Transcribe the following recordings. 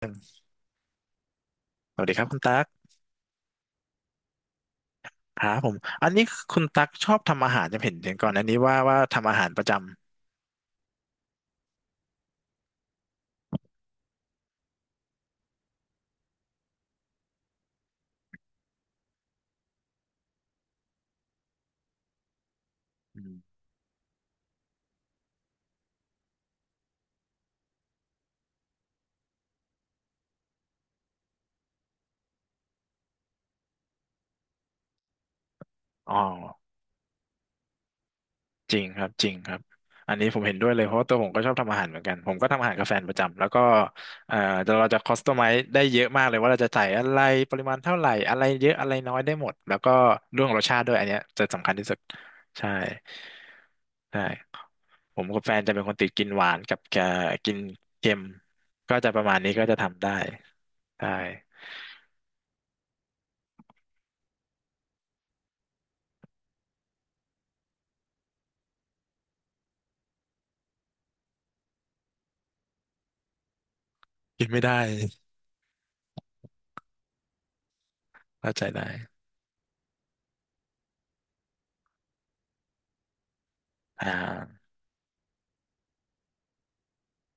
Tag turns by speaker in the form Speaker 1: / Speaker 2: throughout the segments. Speaker 1: สวัสดีครับคุณตั๊กครับผม อันนี้คุณตั๊กชอบทำอาหารจะเห็นก่อนอันนี้ว่าทำอาหารประจำอืมอ๋อ จริงครับอันนี้ผมเห็นด้วยเลยเพราะว่าตัวผมก็ชอบทำอาหารเหมือนกันผมก็ทำอาหารกับแฟนประจำแล้วก็เอ่อเราจะคอสตอมไมซ์ได้เยอะมากเลยว่าเราจะใส่อะไรปริมาณเท่าไหร่อะไรเยอะอะไรน้อยได้หมดแล้วก็เรื่องรสชาติด้วยอันเนี้ยจะสำคัญที่สุดใช่ใช่ผมกับแฟนจะเป็นคนติดกินหวานกับกินเค็มก็จะประมาณนี้ก็จะทำได้ใช่กินไม่ได้เข้าใจได้อ่า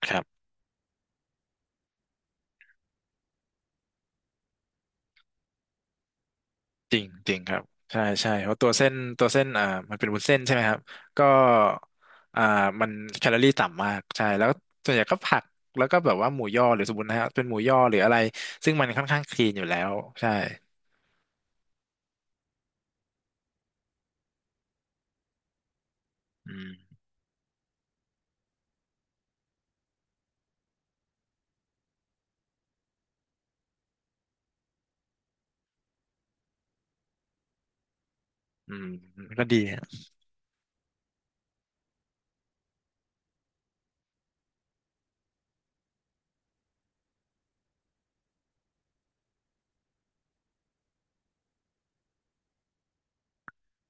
Speaker 1: ครับ จริงจริงครับใช่ใช่เพราะตัวเส้นอ่ามันเป็นวุ้นเส้นใช่ไหมครับก็อ่ามันแคลอรี่ต่ำมากใช่แล้วส่วนใหญ่ก็ผักแล้วก็แบบว่าหมูย่อหรือสมมตินะฮะเป็นหมูย่อหรืออะไรซึ่งมันค่อนข้างคลีนอยู่แล้วใช่อืมอืมก็ดีฮะ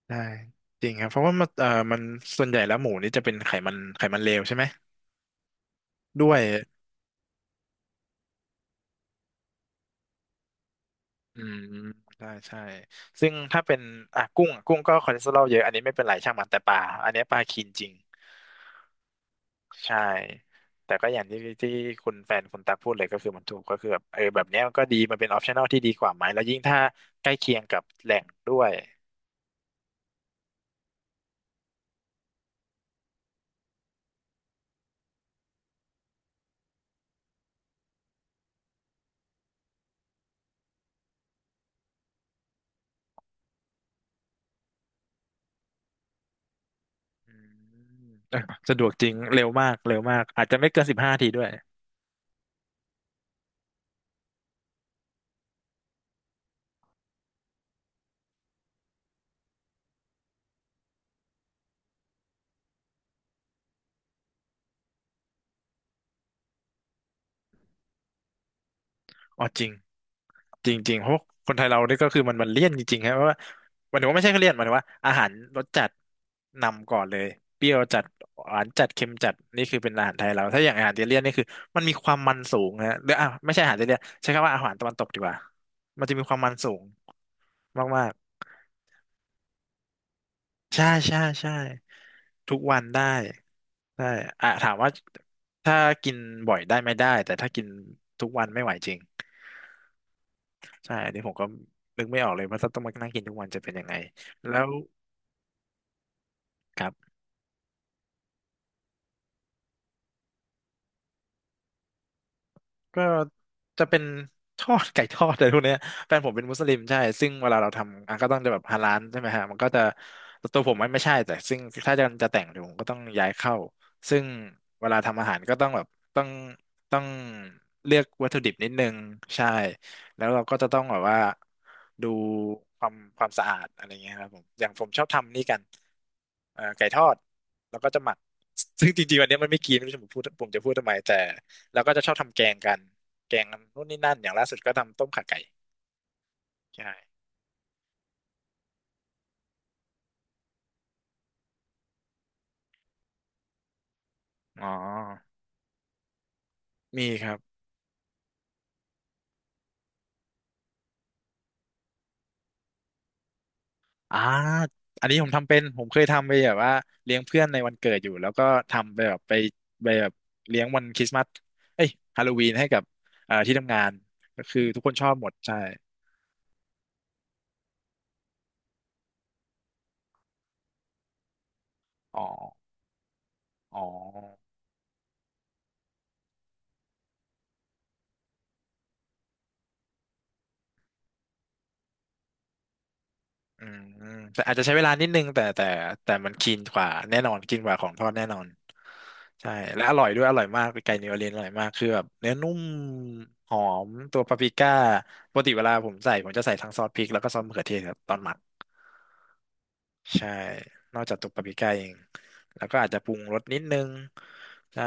Speaker 1: ใช่จริงครับเพราะว่ามันเอ่อมันส่วนใหญ่แล้วหมูนี่จะเป็นไขมันไขมันเลวใช่ไหมด้วยอืมใช่ใช่ซึ่งถ้าเป็นอ่ะกุ้งกุ้งก็คอเลสเตอรอลเยอะอันนี้ไม่เป็นไรช่างมันแต่ปลาอันนี้ปลาคลีนจริง ใช่แต่ก็อย่างที่คุณแฟนคุณตักพูดเลยก็คือมันถูกก็คือแบบเออแบบเนี้ยมันก็ดีมันเป็นออปชั่น l ที่ดีกว่าไหมแล้วยิ่งถ้าใกล้เคียงกับแหล่งด้วยอืม สะดวกจริงเร็วมากเร็วมากอาจจะไม่เกิน15ทีด้วย อ๋อจริงจริงจริงเพราะคนไทยเรานี่ก็คือมันมันเลี่ยนจริงๆครับเพราะว่าหมายถึงว่าไม่ใช่แค่เลี่ยนหมายถึงว่าอาหารรสจัดนำก่อนเลยเปรี้ยวจัดหวานจัดเค็มจัดนี่คือเป็นอาหารไทยเราถ้าอย่างอาหารอิตาเลียนนี่คือมันมีความมันสูงนะฮะหรืออ่ะไม่ใช่อาหารอิตาเลียนใช้คำว่าอาหารตะวันตกดีกว่ามันจะมีความมันสูงมากๆใช่ใช่ใช่ทุกวันได้ได้อ่ะถามว่าถ้ากินบ่อยได้ไม่ได้แต่ถ้ากินทุกวันไม่ไหวจริง ใช่อันนี้ผมก็นึกไม่ออกเลยว่าถ้าต้องมานั่งกินทุกวันจะเป็นยังไง แล้วครับ ก็จะเป็น ทอดไก่ทอดอะไรพวกเนี้ยแฟนผมเป็นมุสลิมใช่ซึ่งเวลาเราทำอ่ะก็ต้องจะแบบฮาลาลใช่ไหมฮะมันก็จะแต่ตัวผมไม่ใช่แต่ซึ่งถ้าจะแต่งเดี๋ยวผมก็ต้องย้ายเข้าซึ่งเวลาทำอาหารก็ต้องแบบต้องต้องเลือกวัตถุดิบนิดนึงใช่แล้วเราก็จะต้องแบบว่าดูความความสะอาดอะไรเงี้ยครับผมอย่างผมชอบทำนี่กันไก่ทอดแล้วก็จะหมักซึ่งจริงๆวันนี้มันไม่กินไม่รู้จะผมจะพูดทำไมแต่ แล้วก็จะชอบทำแกงกัน แกงนู่นนี่นั่น อย่างล่าสุดก็ทำต้มข่าไก่ใช่อ๋อ มีครับอ่าอันนี้ผมทำเป็น ผมเคยทำไปแบบว่าเลี้ยงเพื่อนในวันเกิดอยู่ แล้วก็ทำไปแบบไปไปแบบเลี้ยงวันคริสต์มาสเอ้ยฮาโลวีนให้กับที่ทำงาน ก็คือทุกคนชอบหมดใช่อ๋ออ๋อ อืมแต่อาจจะใช้เวลานิดนึงแต่มันคลีนกว่าแน่นอนคลีนกว่าของทอดแน่นอนใช่และอร่อยด้วยอร่อยมากไก่นิวออร์ลีนอร่อยมากคือแบบเนื้อนุ่มหอมตัวปาปริก้าปกติเวลาผมใส่ผมจะใส่ทั้งซอสพริกแล้วก็ซอสมะเขือเทศครับตอนหมักใช่นอกจากตัวปาปริก้าเองแล้วก็อาจจะปรุงรสนิดนึงใช่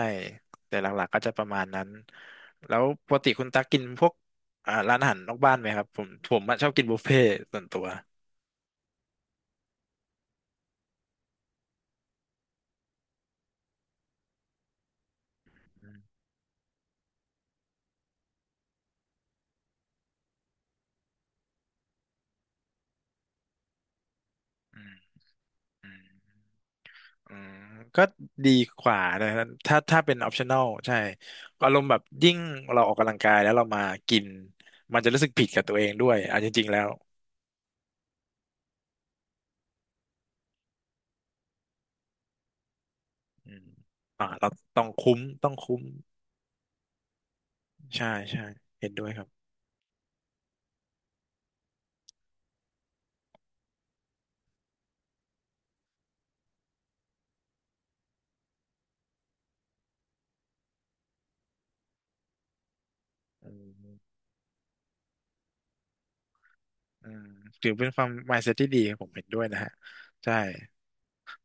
Speaker 1: แต่หลักๆก็จะประมาณนั้นแล้วปกติคุณตักกินพวกอ่าร้านอาหารนอกบ้านไหมครับผมอะชอบกินบุฟเฟ่ต์ส่วนตัวอืมอืมอืม อืมก็ดีกว่านะถ้าเป็น optional ใช่อารมณ์แบบยิ่งเราออกกำลังกายแล้วเรามากินมันจะรู้สึกผิดกับตัวเองด้วยอ่ะจริงๆแล้วอืมอ่าเราต้องคุ้มต้องคุ้มใช่ใช่เห็นด้วยครับอมอืมถือเป็นความ mindset ที่ดีผมเห็นด้วยนะฮะใช่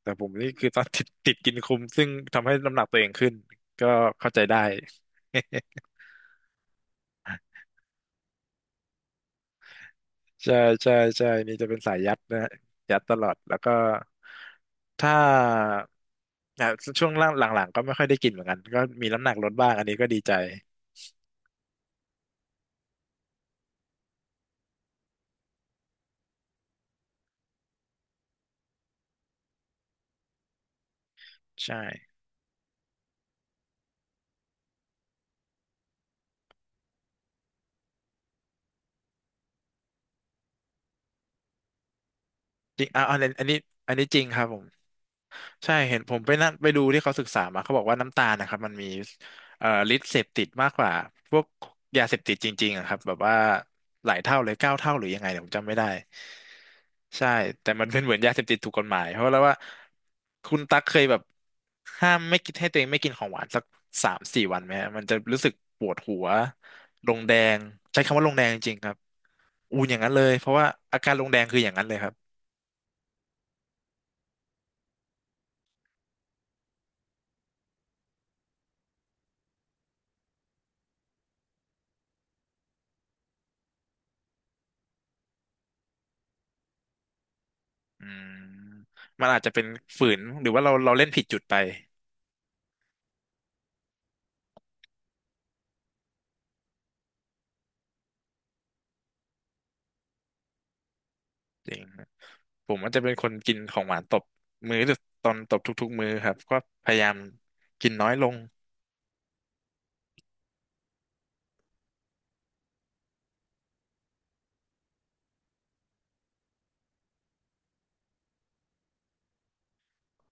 Speaker 1: แต่ผมนี่คือตอน ติดกินคุ้มซึ่งทำให้น้ำหนักตัวเองขึ้นก็เข้าใจได้ ใช่ใช่ใช่นี่จะเป็นสายยัดนะฮะยัดตลอดแล้วก็ถ้าอ่ะช่วงหลังๆก็ไม่ค่อยได้กินเหมือนกันก็มีน้ำหนักลดบ้างอันนี้ก็ดีใจใช่จริงอ่ะอะอันนี้อันนี้จริงครับผม ใช่เห็นผมไปนั่นไปดูที่เขาศึกษามาเขาบอกว่าน้ำตาลนะครับมันมีเอ่อฤทธิ์เสพติดมากกว่าพวกยาเสพติดจริงๆอะครับแบบว่าหลายเท่าเลยเก้าเท่าหรือยังไงเนี่ยผมจำไม่ได้ใช่แต่มันเป็นเหมือนยาเสพติดถูกกฎหมายเพราะแล้วว่าคุณตั๊กเคยแบบห้ามไม่กินให้ตัวเองไม่กินของหวานสักสามสี่วันไหมฮะมันจะรู้สึกปวดหัวลงแดงใช้คำว่าลงแดงจริงๆครับอูนอย่างนั้นเลยเพราะว่าอาการลงแดงคืออย่างนั้นเลยครับ อืมมันอาจจะเป็นฝืนหรือว่าเราเล่นผิดจุดไปจริงครับผมอาจจะเป็นคนกินของหวานตบมื้อหรือตอนตบทุกๆมื้อครับก็พยายามกินน้อยลง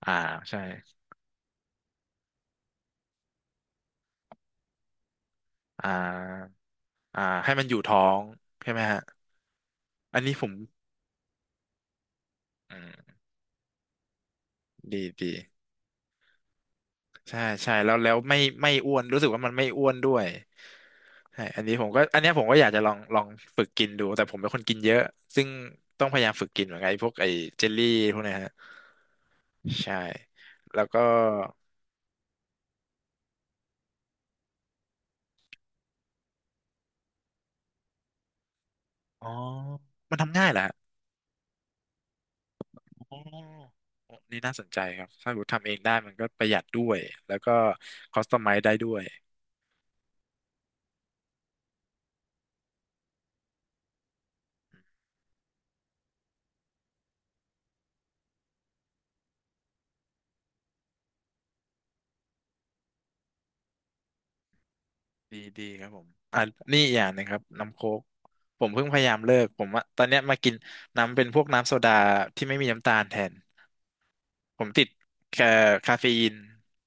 Speaker 1: อ่าใช่อ่าอ่าให้มันอยู่ท้องใช่ไหมฮะอันนี้ผมอืมดีดีใช่ใช่แล้วแล้วไม่อ้วนรู้สึกว่ามันไม่อ้วนด้วยใช่อันนี้ผมก็อันเนี้ยผมก็อยากจะลองฝึกกินดูแต่ผมเป็นคนกินเยอะซึ่งต้องพยายามฝึกกินเหมือนกันไอ้พวกไอ้เจลลี่พวกเนี้ยฮะ ใช่แล้วก็ อ๋อ มันทำง่ายแหละอ๋อ นี่น่าสนใจครับ ถ้าผมทำเองได้มันก็ประหยัดด้วย แล้วก็คอสตอมไมซ์ได้ด้วย ดีดีครับผมอ่ะนี่อีกอย่างหนงครับน้ำโค้กผมเพิ่งพยายามเลิก ผมว่าตอนเนี้ยมากินน้ำเป็นพวกน้ำโซดาที่ไม่มีน้ำตาลแทน ผมติดแค่คาเฟอีน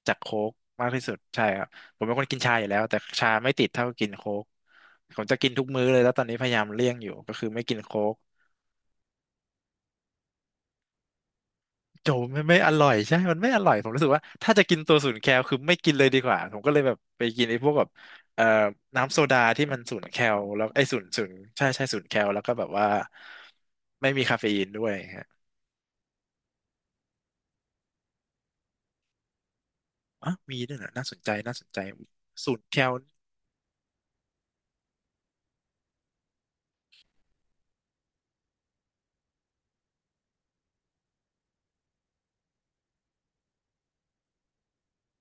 Speaker 1: จากโค้กมากที่สุด ใช่ครับ ผมเป็นคนกินชาอยู่แล้วแต่ชาไม่ติดเท่ากินโค้กผมจะกินทุกมื้อเลยแล้วตอนนี้พยายามเลี่ยงอยู่ก็คือไม่กินโค้ก โจไม่อร่อยใช่ มันไม่อร่อยผมรู้สึกว่าถ้าจะกินตัวศูนย์แคลคือไม่กินเลยดีกว่าผมก็เลยแบบไปกินไอ้พวกแบบเอ่อน้ำโซดาที่มันศูนย์แคลแล้วไอ้ศูนย์ใช่ใช่ศูนย์แคลแล้วก็แบบว่าไม่มีคาเฟอีนด้วยฮะอ๋อมีด้วยเหรอน่าสนใจน่าสนใจศูนย์แคล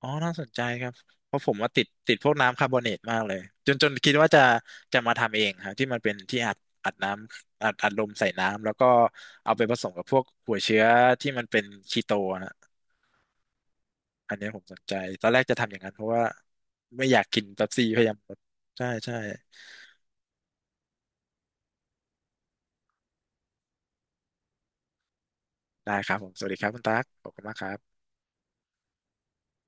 Speaker 1: อ๋อน่าสนใจครับเพราะผมว่าติดพวกน้ำคาร์บอเนตมากเลยจนคิดว่าจะมาทำเองครับที่มันเป็นที่อัดอัดน้ำอัดอัดลมใส่น้ำแล้วก็เอาไปผสมกับพวกหัวเชื้อที่มันเป็นคีโต อันเนี้ยผมสนใจ ตอนแรกจะทำอย่างนั้นเพราะว่าไม่อยากกินเป๊ปซี่พยายามลดใช่ใช่ได้ครับผมสวัสดีครับคุณตั๊กขอบคุณมากครับ